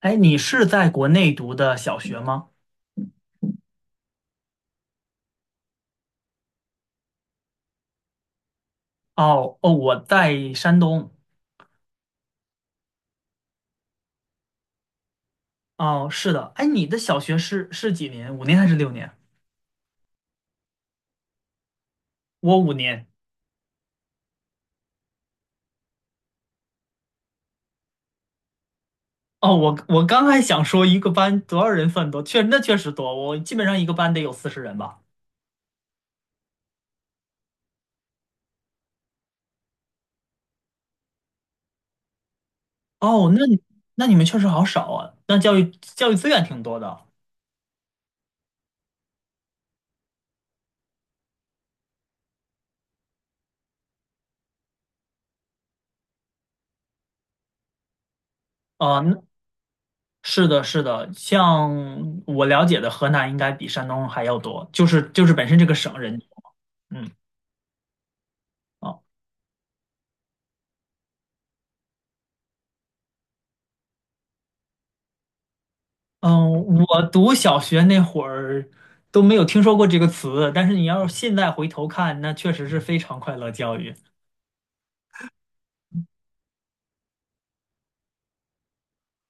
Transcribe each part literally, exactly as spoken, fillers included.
哎，你是在国内读的小学吗？哦哦，我在山东。哦，是的。哎，你的小学是是几年？五年还是六年？我五年。哦，我我刚还想说一个班多少人算多，确那确实多，我基本上一个班得有四十人吧。哦，那你那你们确实好少啊，那教育教育资源挺多的。啊，那是的，是的，像我了解的，河南应该比山东还要多，就是就是本身这个省人多。嗯。哦嗯，我读小学那会儿都没有听说过这个词，但是你要是现在回头看，那确实是非常快乐教育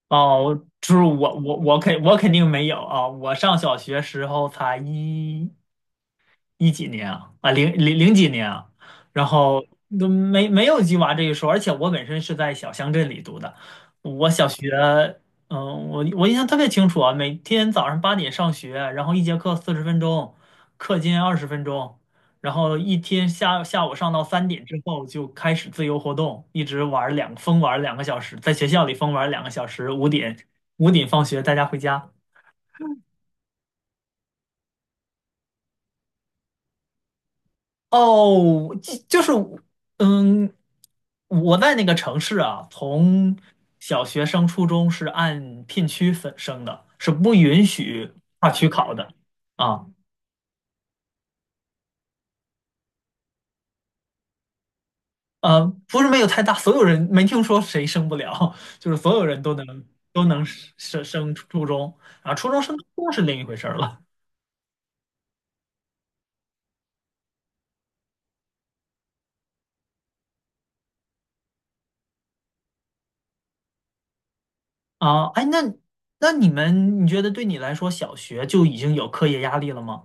哦。就是我我我肯我肯定没有啊，我上小学时候才一一几年啊，啊零零零几年啊，然后都没没有鸡娃这一说，而且我本身是在小乡镇里读的，我小学，嗯，我我印象特别清楚啊，每天早上八点上学，然后一节课四十分钟，课间二十分钟，然后一天下下午上到三点之后就开始自由活动，一直玩儿两疯玩儿两个小时，在学校里疯玩儿两个小时，五点五点放学大家回家。哦，就就是，嗯，我在那个城市啊，从小学升初中是按片区分升的，是不允许跨区考的啊。呃，不是没有太大，所有人没听说谁升不了，就是所有人都能都能升升初中啊，初中升高中是另一回事儿了啊。哎，那那你们，你觉得对你来说，小学就已经有课业压力了吗？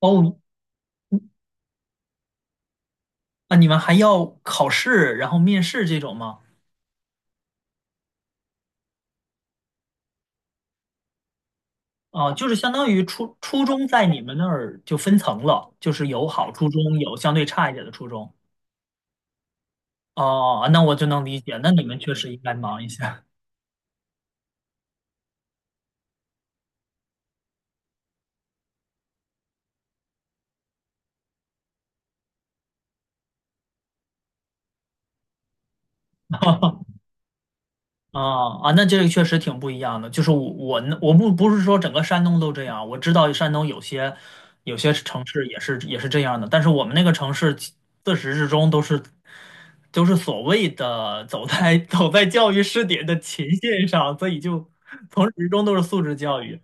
哦，啊，你们还要考试，然后面试这种吗？啊，就是相当于初初中在你们那儿就分层了，就是有好初中，有相对差一点的初中。哦，那我就能理解，那你们确实应该忙一下。啊啊，那这个确实挺不一样的。就是我我呢我不不是说整个山东都这样，我知道山东有些有些城市也是也是这样的，但是我们那个城市自始至终都是都是所谓的走在 走在教育试点的前线上，所以就从始至终都是素质教育。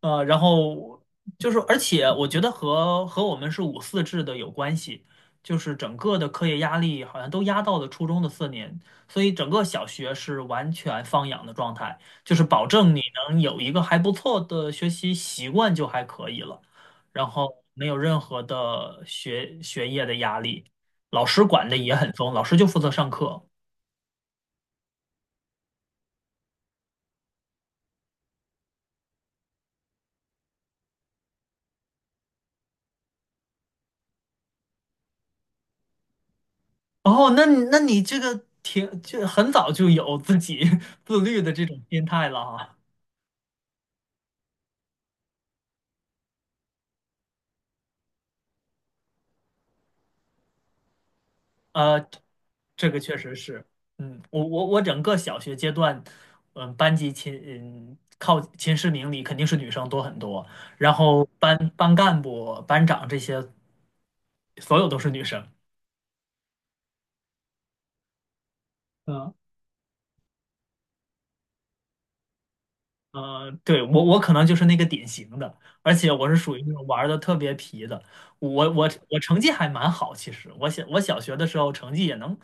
呃，然后就是，而且我觉得和和我们是五四制的有关系，就是整个的课业压力好像都压到了初中的四年，所以整个小学是完全放养的状态，就是保证你能有一个还不错的学习习惯就还可以了，然后没有任何的学学业的压力，老师管的也很松，老师就负责上课。哦，那你那你这个挺就很早就有自己 自律的这种心态了哈。呃，这个确实是，嗯，我我我整个小学阶段，嗯，班级前嗯靠前十名里肯定是女生多很多，然后班班干部、班长这些所有都是女生。嗯呃，对，我我可能就是那个典型的，而且我是属于那种玩的特别皮的。我我我成绩还蛮好，其实我小我小学的时候成绩也能，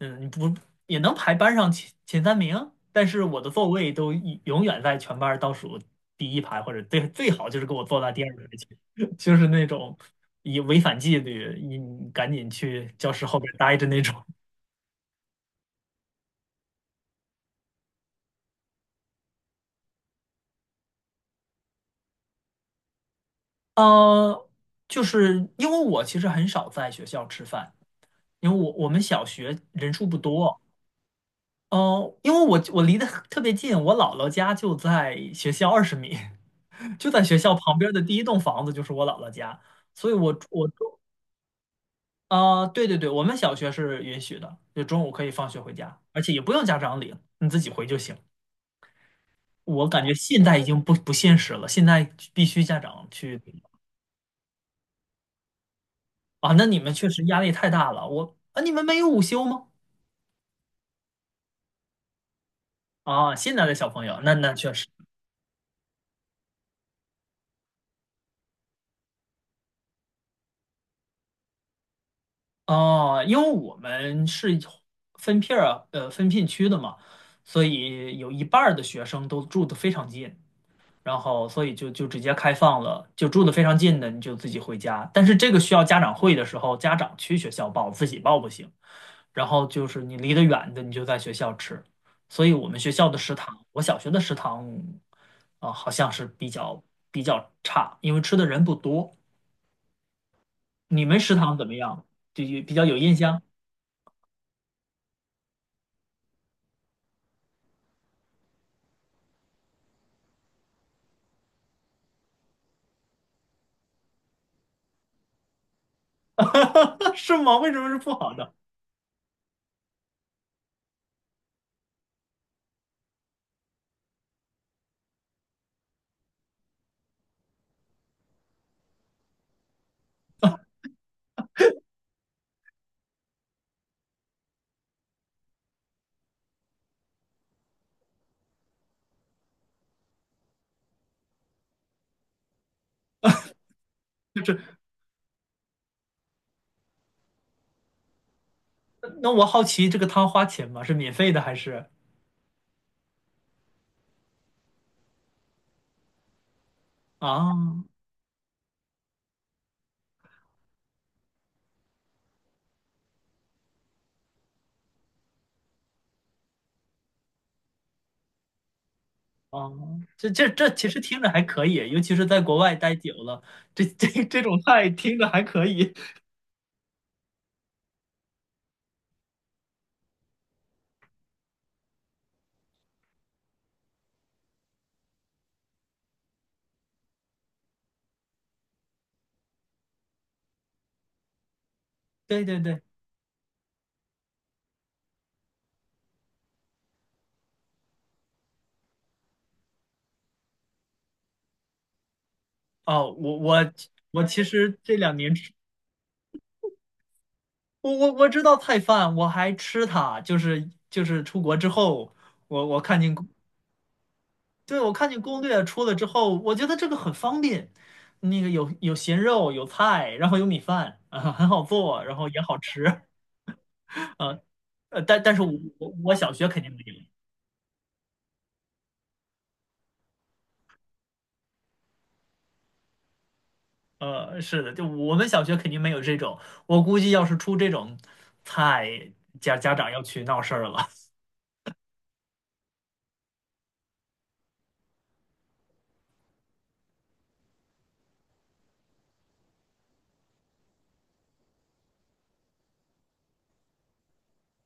嗯，不也能排班上前前三名，但是我的座位都一永远在全班倒数第一排，或者最最好就是给我坐在第二排去，就是那种以违反纪律，你赶紧去教室后边待着那种。呃，就是因为我其实很少在学校吃饭。因为我我们小学人数不多，哦，因为我我离得特别近，我姥姥家就在学校二十米，就在学校旁边的第一栋房子就是我姥姥家，所以我我中啊、对对对，我们小学是允许的，就中午可以放学回家，而且也不用家长领，你自己回就行。我感觉现在已经不不现实了，现在必须家长去啊，那你们确实压力太大了，我啊，你们没有午休吗？啊，现在的小朋友，那那确实。哦，因为我们是分片儿啊呃分片区的嘛，所以有一半儿的学生都住得非常近，然后所以就就直接开放了，就住得非常近的你就自己回家。但是这个需要家长会的时候，家长去学校报，自己报不行。然后就是你离得远的，你就在学校吃。所以我们学校的食堂，我小学的食堂啊，好像是比较比较差，因为吃的人不多。你们食堂怎么样？就有比较有印象？是吗？为什么是不好的？就是那我好奇，这个汤花钱吗？是免费的还是啊啊？这这这其实听着还可以，尤其是在国外待久了，这这这种菜听着还可以。对对对，哦，我我我其实这两年吃，我我我知道菜饭，我还吃它，就是就是出国之后，我我看见。对，我看见攻略出了之后，我觉得这个很方便，那个有有咸肉，有菜，然后有米饭，啊，很好做，然后也好吃，啊，呃，但但是我我我小学肯定没有，呃，是的，就我们小学肯定没有这种，我估计要是出这种菜，家家长要去闹事儿了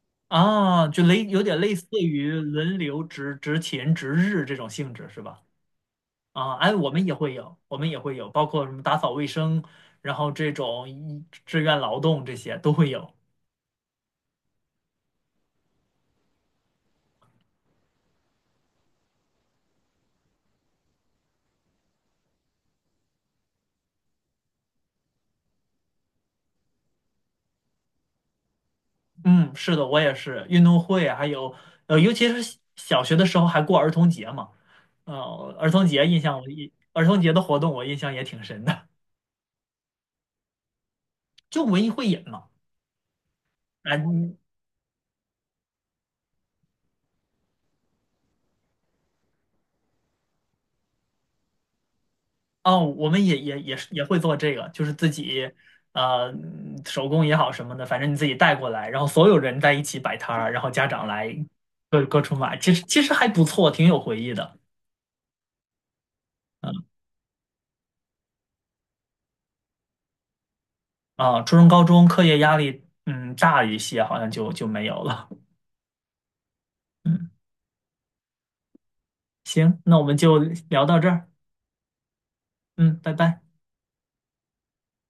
啊，就类有点类似于轮流值值勤值日这种性质是吧？啊，哎，我们也会有，我们也会有，包括什么打扫卫生，然后这种一志愿劳动这些都会有。嗯，是的，我也是。运动会还有，呃，尤其是小小学的时候还过儿童节嘛，呃，儿童节印象我印，儿童节的活动我印象也挺深的，就文艺汇演嘛。啊，哦，我们也也也是也会做这个，就是自己呃手工也好什么的，反正你自己带过来，然后所有人在一起摆摊儿，然后家长来各各处买，其实其实还不错，挺有回忆的啊。初中、高中课业压力嗯大一些，好像就就没有了。嗯，行，那我们就聊到这儿，嗯，拜拜。